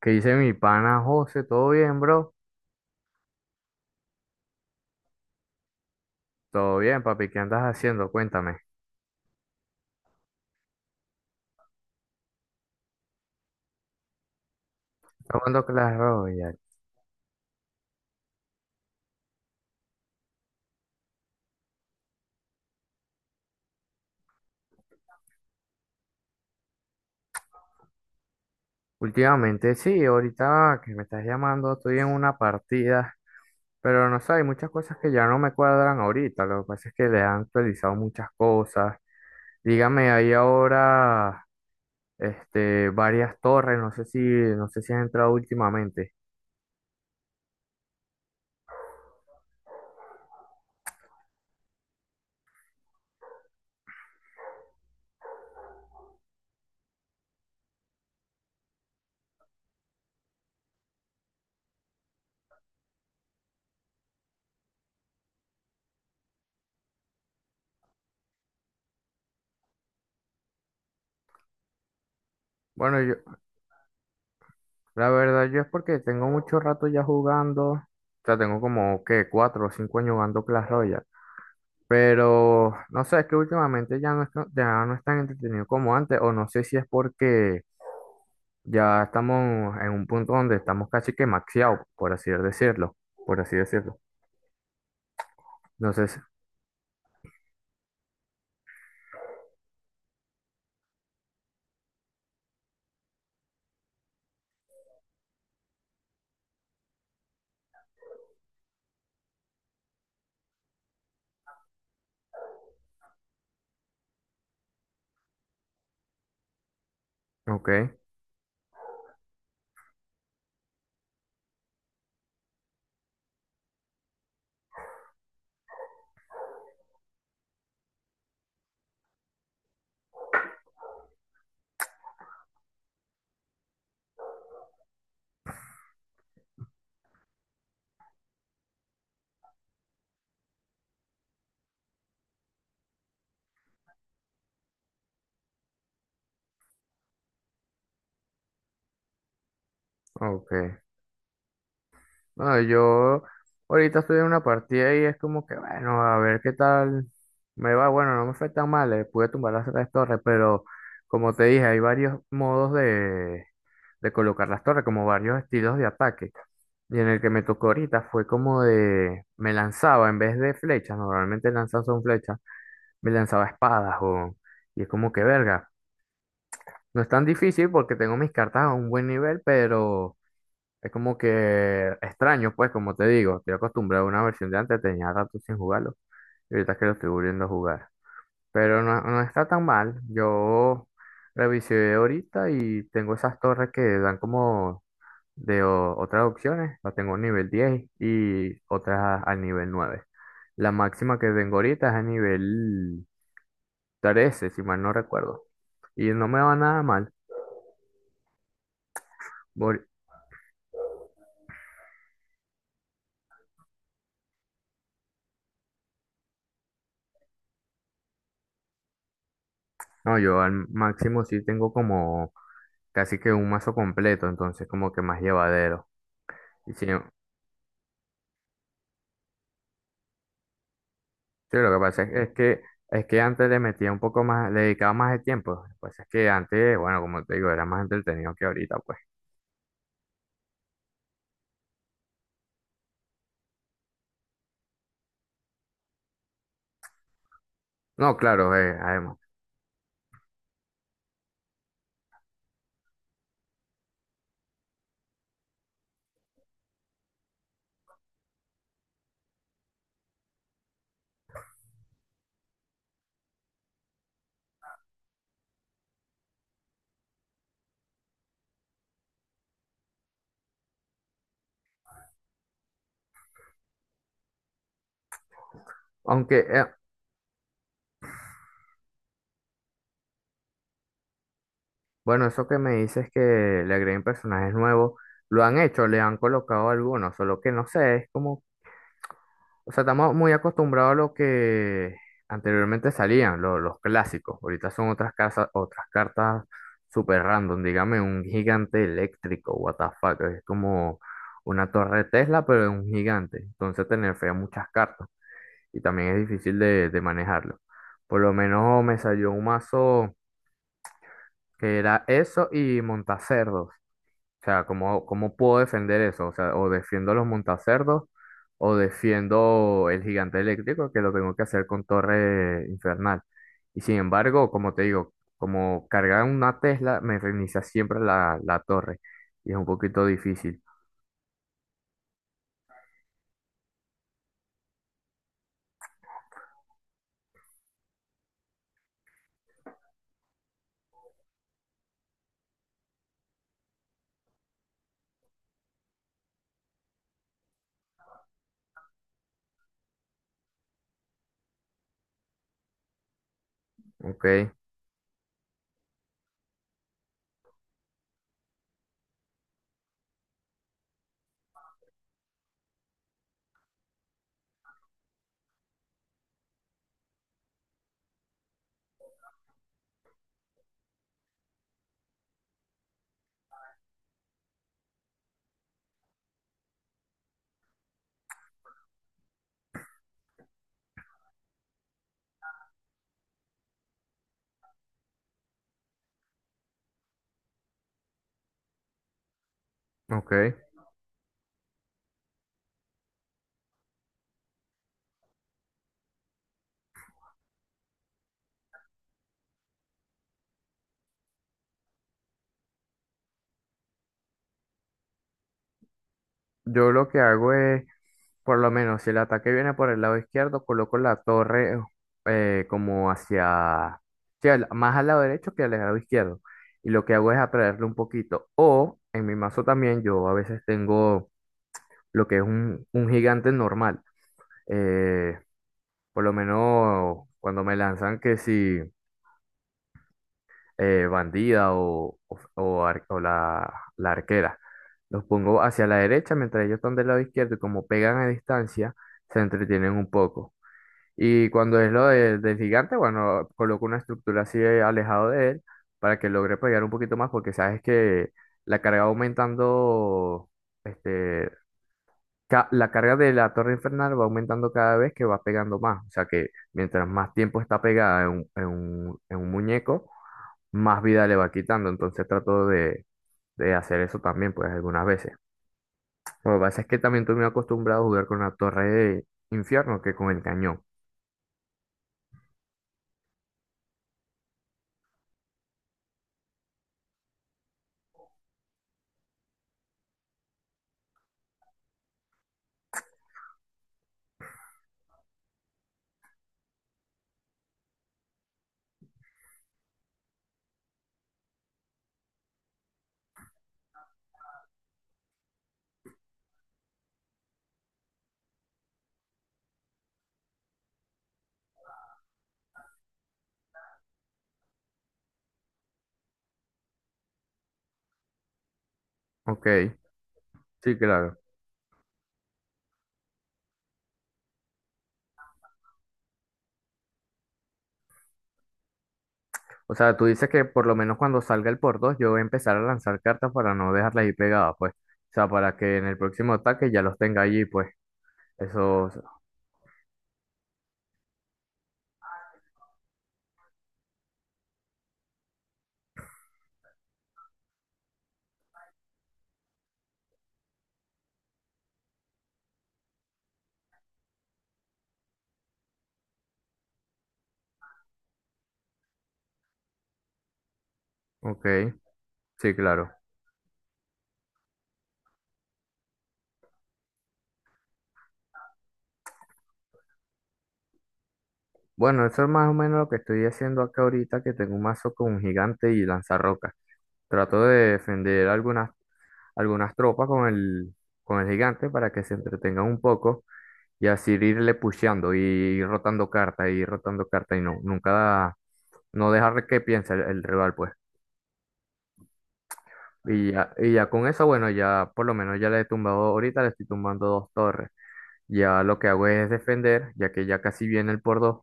¿Qué dice mi pana José? ¿Todo bien, bro? Todo bien, papi. ¿Qué andas haciendo? Cuéntame. ¿Estás jugando Clash Royale? Últimamente sí, ahorita que me estás llamando estoy en una partida, pero no sé, hay muchas cosas que ya no me cuadran ahorita. Lo que pasa es que le han actualizado muchas cosas. Dígame, hay ahora varias torres, no sé si, no sé si has entrado últimamente. Bueno, yo, la verdad yo es porque tengo mucho rato ya jugando. O sea, tengo como, ¿qué? 4 o 5 años jugando Clash Royale. Pero no sé, es que últimamente ya no es tan entretenido como antes, o no sé si es porque ya estamos en un punto donde estamos casi que maxeados, por así decirlo, por así decirlo. Entonces, ok, ok. Bueno, yo ahorita estoy en una partida y es como que, bueno, a ver qué tal me va. Bueno, no me fue tan mal, le pude tumbar las tres torres, pero como te dije, hay varios modos de colocar las torres, como varios estilos de ataque. Y en el que me tocó ahorita fue como de, me lanzaba en vez de flechas, normalmente lanzas son flechas, me lanzaba espadas o, y es como que verga. No es tan difícil porque tengo mis cartas a un buen nivel, pero es como que extraño, pues como te digo, estoy acostumbrado a una versión de antes, tenía rato sin jugarlo y ahorita es que lo estoy volviendo a jugar. Pero no, no está tan mal, yo revisé ahorita y tengo esas torres que dan como de otras opciones, la tengo a nivel 10 y otras al nivel 9. La máxima que tengo ahorita es a nivel 13 si mal no recuerdo. Y no me va nada mal. Por- No, yo al máximo sí tengo como casi que un mazo completo, entonces como que más llevadero. Y sí, sí, lo que pasa es que antes le metía un poco más, le dedicaba más de tiempo. Lo que pasa es que antes, bueno, como te digo, era más entretenido que ahorita, pues. No, claro, además. Aunque, bueno, eso que me dices que le agreguen personajes nuevos, lo han hecho, le han colocado algunos, solo que no sé, es como, o sea, estamos muy acostumbrados a lo que anteriormente salían, los clásicos. Ahorita son otras casas, otras cartas super random, dígame un gigante eléctrico, what the fuck, es como una torre Tesla, pero de un gigante. Entonces te nerfea muchas cartas y también es difícil de manejarlo. Por lo menos me salió un mazo que era eso y montacerdos. O sea, ¿cómo, cómo puedo defender eso? O sea, o defiendo los montacerdos o defiendo el gigante eléctrico que lo tengo que hacer con torre infernal. Y sin embargo, como te digo, como cargar una Tesla me reinicia siempre la torre y es un poquito difícil. Ok, ok. Yo lo que hago es: por lo menos, si el ataque viene por el lado izquierdo, coloco la torre como hacia, sí, más al lado derecho que al lado izquierdo. Y lo que hago es atraerle un poquito. O en mi mazo también, yo a veces tengo lo que es un gigante normal. Eh, por lo menos cuando me lanzan que si bandida o, o la arquera. Los pongo hacia la derecha mientras ellos están del lado izquierdo y como pegan a distancia, se entretienen un poco. Y cuando es del gigante, bueno, coloco una estructura así alejado de él para que logre pegar un poquito más, porque sabes que la carga va aumentando, este, la carga de la torre infernal va aumentando cada vez que va pegando más. O sea que mientras más tiempo está pegada en un, en un muñeco, más vida le va quitando. Entonces trato de hacer eso también, pues algunas veces. Lo que pasa es que también estoy muy acostumbrado a jugar con la torre de infierno que con el cañón. Ok, sí, claro. O sea, tú dices que por lo menos cuando salga el por dos, yo voy a empezar a lanzar cartas para no dejarlas ahí pegadas, pues. O sea, para que en el próximo ataque ya los tenga allí, pues. Eso, ok, sí, claro. Bueno, eso es más o menos lo que estoy haciendo acá ahorita, que tengo un mazo con un gigante y lanzarrocas. Trato de defender algunas, algunas tropas con el gigante para que se entretengan un poco y así irle pusheando y ir rotando cartas y ir rotando cartas y no, nunca, no dejar que piense el rival, pues. Y ya con eso, bueno, ya por lo menos ya le he tumbado, ahorita le estoy tumbando 2 torres. Ya lo que hago es defender, ya que ya casi viene el por dos.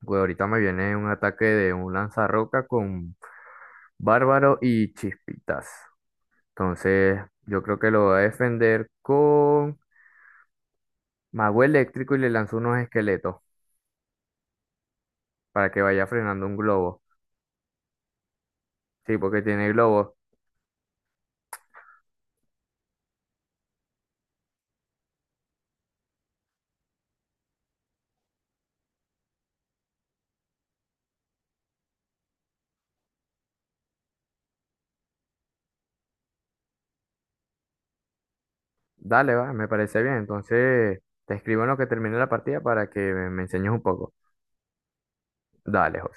Pues ahorita me viene un ataque de un lanzarroca con Bárbaro y Chispitas. Entonces, yo creo que lo voy a defender con Mago Eléctrico y le lanzo unos esqueletos para que vaya frenando un globo. Sí, porque tiene globo. Dale, va, me parece bien. Entonces, te escribo en lo que termine la partida para que me enseñes un poco. Dale.